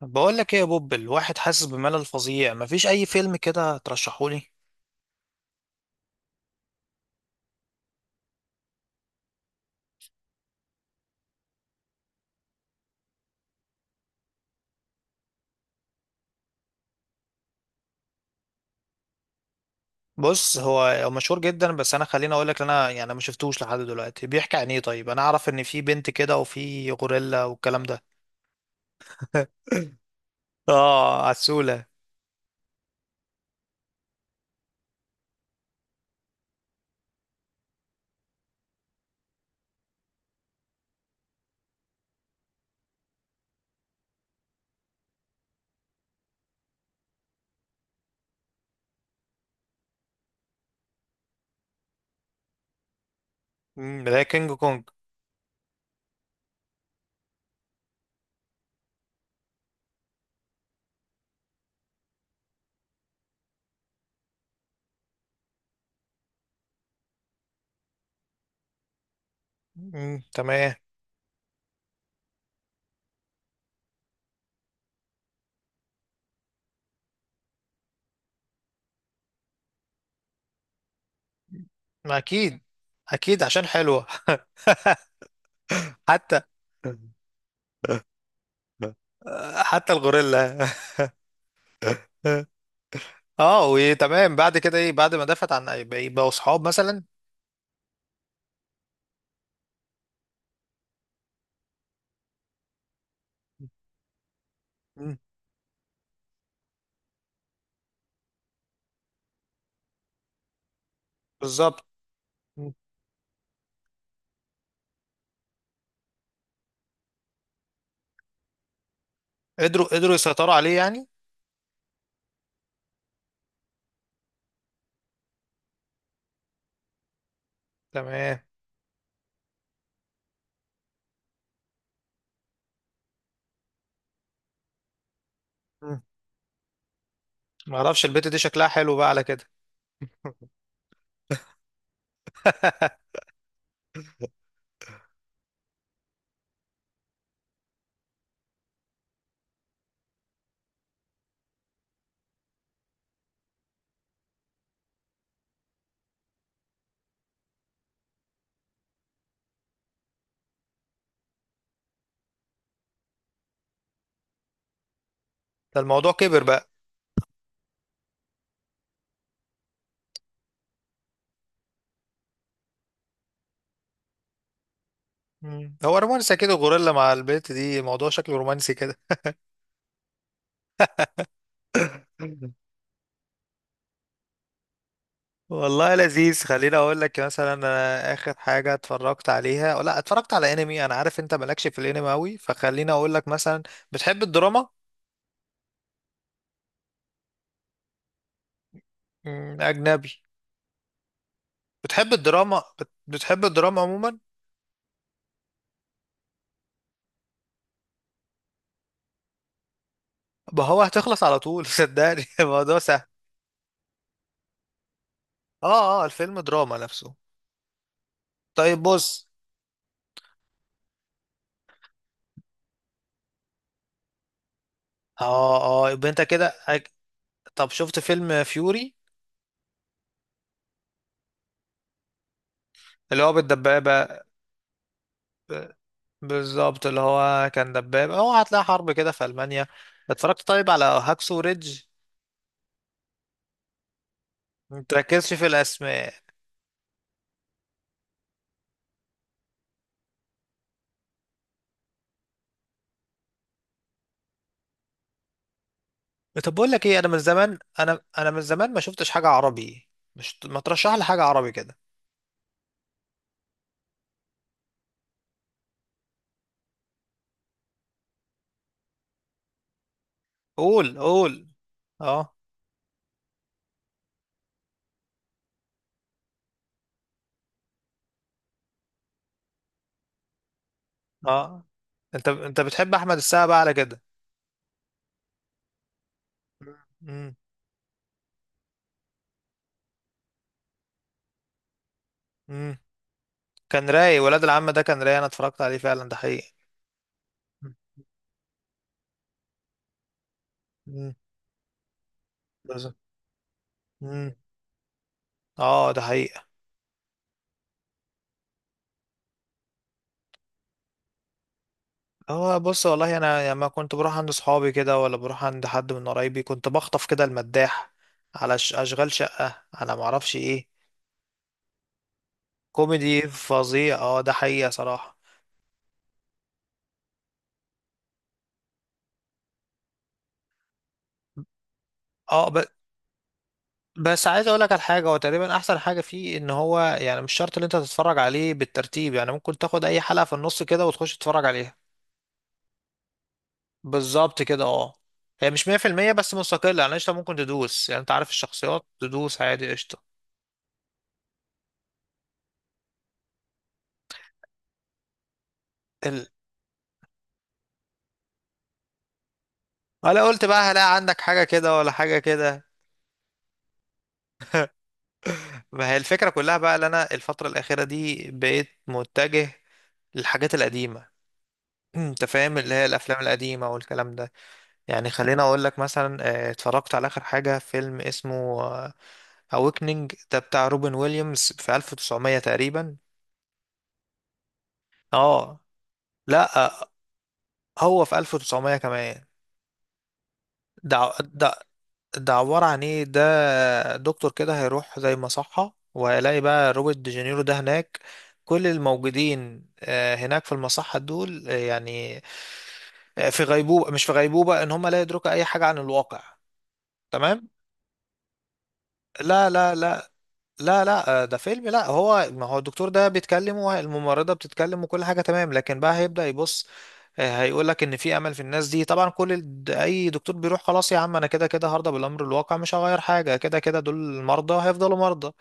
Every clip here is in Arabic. بقول لك ايه يا بوب؟ الواحد حاسس بملل فظيع، مفيش اي فيلم كده ترشحولي؟ بص، هو مشهور جدا، بس انا خليني اقول لك، انا يعني ما شفتوش لحد دلوقتي، بيحكي عن ايه؟ طيب، انا اعرف ان في بنت كده وفي غوريلا والكلام ده. اه، عسولة. مم، ده كينج كونج. مم، تمام. ما اكيد، اكيد عشان حلوة. حتى. آه، حتى الغوريلا. اه، وتمام، بعد كده ايه؟ بعد ما دافت عن، بقوا صحاب مثلا؟ مم، بالظبط. قدروا قدروا يسيطروا عليه يعني. تمام. مم. ما اعرفش البت دي شكلها حلو بقى على كده. ده الموضوع كبر بقى. مم. هو رومانسي كده؟ غوريلا مع البت دي، موضوع شكله رومانسي كده. مم. والله لذيذ. خليني اقول لك مثلا، انا اخر حاجه اتفرجت عليها، أو لا، اتفرجت على انمي. انا عارف انت مالكش في الانمي قوي، فخليني اقول لك مثلا. بتحب الدراما؟ مم، اجنبي. بتحب الدراما، بتحب الدراما عموما؟ ما هو هتخلص على طول. صدقني الموضوع سهل. اه، اه، الفيلم دراما نفسه. طيب، بص. اه، اه، يبقى انت كده طب، شفت فيلم فيوري؟ اللي هو بالدبابة، ب- بالظبط، اللي هو كان دبابة، هو هتلاقي حرب كده في ألمانيا. اتفرجت طيب على هاكسو ريدج؟ متركزش في الأسماء. طب، بقول لك ايه، انا من زمان ما شفتش حاجة عربي. مش ما ترشح لي حاجة عربي كده؟ قول، قول. اه، اه، انت بتحب احمد السقا بقى على كده؟ مم، مم. كان رايق، ولاد العم ده كان رايق. انا اتفرجت عليه فعلا، ده حقيقي. مم. بالظبط. مم. اه، ده حقيقة. هو بص، والله انا لما كنت بروح عند صحابي كده، ولا بروح عند حد من قرايبي، كنت بخطف كده المداح، على اشغال شقة، على معرفش ايه. كوميدي فظيع، اه، ده حقيقة صراحة. اه، بس عايز اقول لك على حاجة، هو تقريبا احسن حاجة فيه ان هو يعني مش شرط ان انت تتفرج عليه بالترتيب، يعني ممكن تاخد اي حلقة في النص كده وتخش تتفرج عليها. بالظبط كده، اه، هي مش 100% بس مستقلة، يعني قشطة ممكن تدوس، يعني انت عارف الشخصيات، تدوس عادي، قشطة. ولا قلت بقى هلاقي عندك حاجة كده ولا حاجة كده. ما هي الفكرة كلها بقى، اللي أنا الفترة الأخيرة دي بقيت متجه للحاجات القديمة. أنت فاهم، اللي هي الأفلام القديمة والكلام ده. يعني خليني أقول لك مثلا، اتفرجت على آخر حاجة، فيلم اسمه أويكنينج، ده بتاع روبن ويليامز في 1900 تقريبا. اه، لا، آه، هو في 1900 كمان. ده ده ده عبارة عن ايه؟ ده دكتور كده، هيروح زي مصحة، وهيلاقي بقى روبرت دي جانيرو ده هناك. كل الموجودين هناك في المصحة دول، يعني في غيبوبة، مش في غيبوبة، ان هم لا يدركوا اي حاجة عن الواقع. تمام. لا، لا، لا، لا، لا، ده فيلم. لا، هو ما هو الدكتور ده بيتكلم، والممرضة بتتكلم، وكل حاجة تمام، لكن بقى هيبدأ يبص. هيقول لك ان في امل في الناس دي. طبعا كل اي دكتور بيروح خلاص يا عم، انا كده كده هرضى بالامر الواقع، مش هغير حاجة، كده كده دول المرضى هيفضلوا مرضى.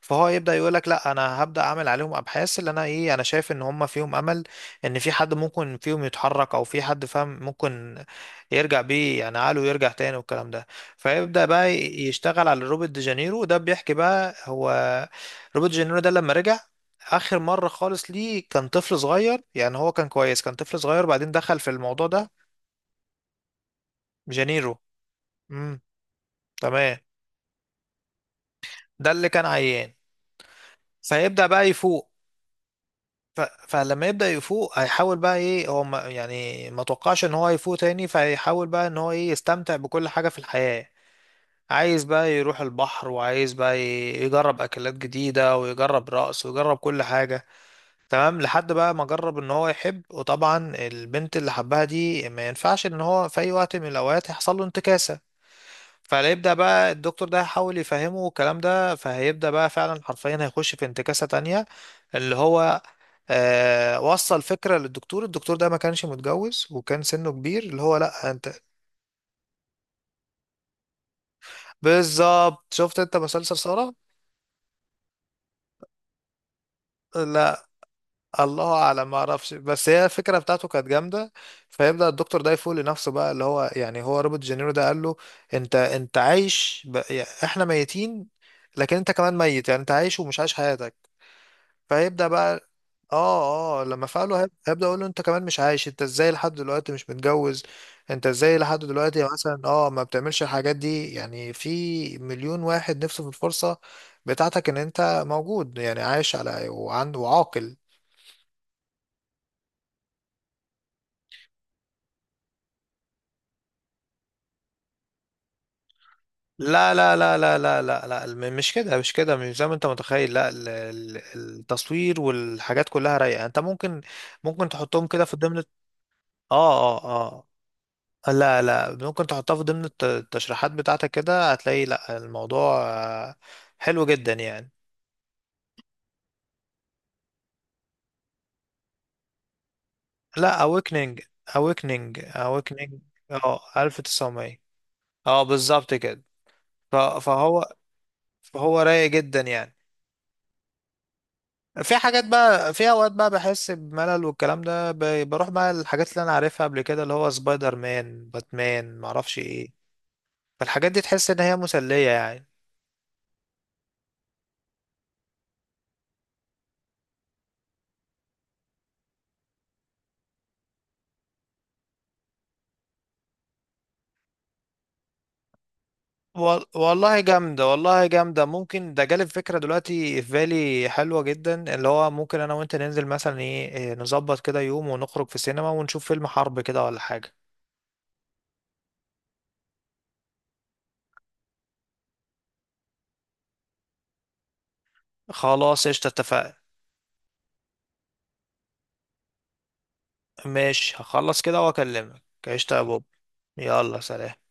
فهو يبدأ يقول لك، لا، انا هبدأ اعمل عليهم ابحاث، اللي انا ايه، انا شايف ان هم فيهم امل، ان في حد ممكن فيهم يتحرك، او في حد فاهم ممكن يرجع بيه، يعني عقله يرجع تاني والكلام ده. فيبدأ بقى يشتغل على روبرت دي جانيرو، وده بيحكي بقى، هو روبرت دي جانيرو ده لما رجع آخر مرة خالص ليه، كان طفل صغير، يعني هو كان كويس، كان طفل صغير، بعدين دخل في الموضوع ده. جانيرو. امم. تمام، ده اللي كان عيان. فيبدأ بقى يفوق. ف... فلما يبدأ يفوق، هيحاول بقى ايه، هو ما يعني ما توقعش ان هو يفوق تاني، فيحاول بقى ان هو ايه، يستمتع بكل حاجة في الحياة. عايز بقى يروح البحر، وعايز بقى يجرب أكلات جديدة، ويجرب رقص، ويجرب كل حاجة. تمام لحد بقى ما جرب ان هو يحب، وطبعا البنت اللي حبها دي ما ينفعش ان هو في اي وقت من الاوقات يحصل له انتكاسة. فهيبدأ بقى الدكتور ده يحاول يفهمه الكلام ده، فهيبدأ بقى فعلا حرفيا هيخش في انتكاسة تانية. اللي هو وصل فكرة للدكتور. الدكتور ده ما كانش متجوز، وكان سنه كبير، اللي هو لا انت. بالظبط. شفت انت مسلسل سارة؟ لا، الله اعلم، ما اعرفش. بس هي الفكره بتاعته كانت جامده. فيبدا الدكتور ده يفوق لنفسه بقى، اللي هو يعني، هو روبرت جينيرو ده قال له، انت عايش يعني احنا ميتين، لكن انت كمان ميت، يعني انت عايش ومش عايش حياتك. فيبدا بقى اه لما فعله هيبدا يقول له، انت كمان مش عايش، انت ازاي لحد دلوقتي مش متجوز؟ انت ازاي لحد دلوقتي مثلا ما بتعملش الحاجات دي، يعني في مليون واحد نفسه في الفرصه بتاعتك ان انت موجود، يعني عايش على وعنده وعاقل. لا، لا، لا، لا، لا، لا، لا، مش كده، مش كده، مش زي ما انت متخيل. لا، التصوير والحاجات كلها رايقه، انت ممكن تحطهم كده في ضمن. اه، اه، اه، لا، لا، ممكن تحطها في ضمن التشريحات بتاعتك كده، هتلاقي لا، الموضوع آه، حلو جدا يعني. لا، awakening، awakening، awakening. اه، 1900، اه بالظبط كده. ف- فهو فهو رايق جدا يعني. في حاجات بقى، في اوقات بقى بحس بملل والكلام ده، بروح بقى الحاجات اللي انا عارفها قبل كده، اللي هو سبايدر مان، باتمان، معرفش ايه. فالحاجات دي تحس ان هي مسلية يعني. والله جامدة، والله جامدة. ممكن ده جالب فكرة دلوقتي في بالي حلوة جدا، اللي هو ممكن انا وانت ننزل مثلا ايه إيه، نظبط كده يوم ونخرج في السينما ونشوف فيلم حرب كده ولا حاجة. خلاص، قشطة، اتفقنا. ماشي، هخلص كده واكلمك. قشطة يا بوب. يلا، سلام.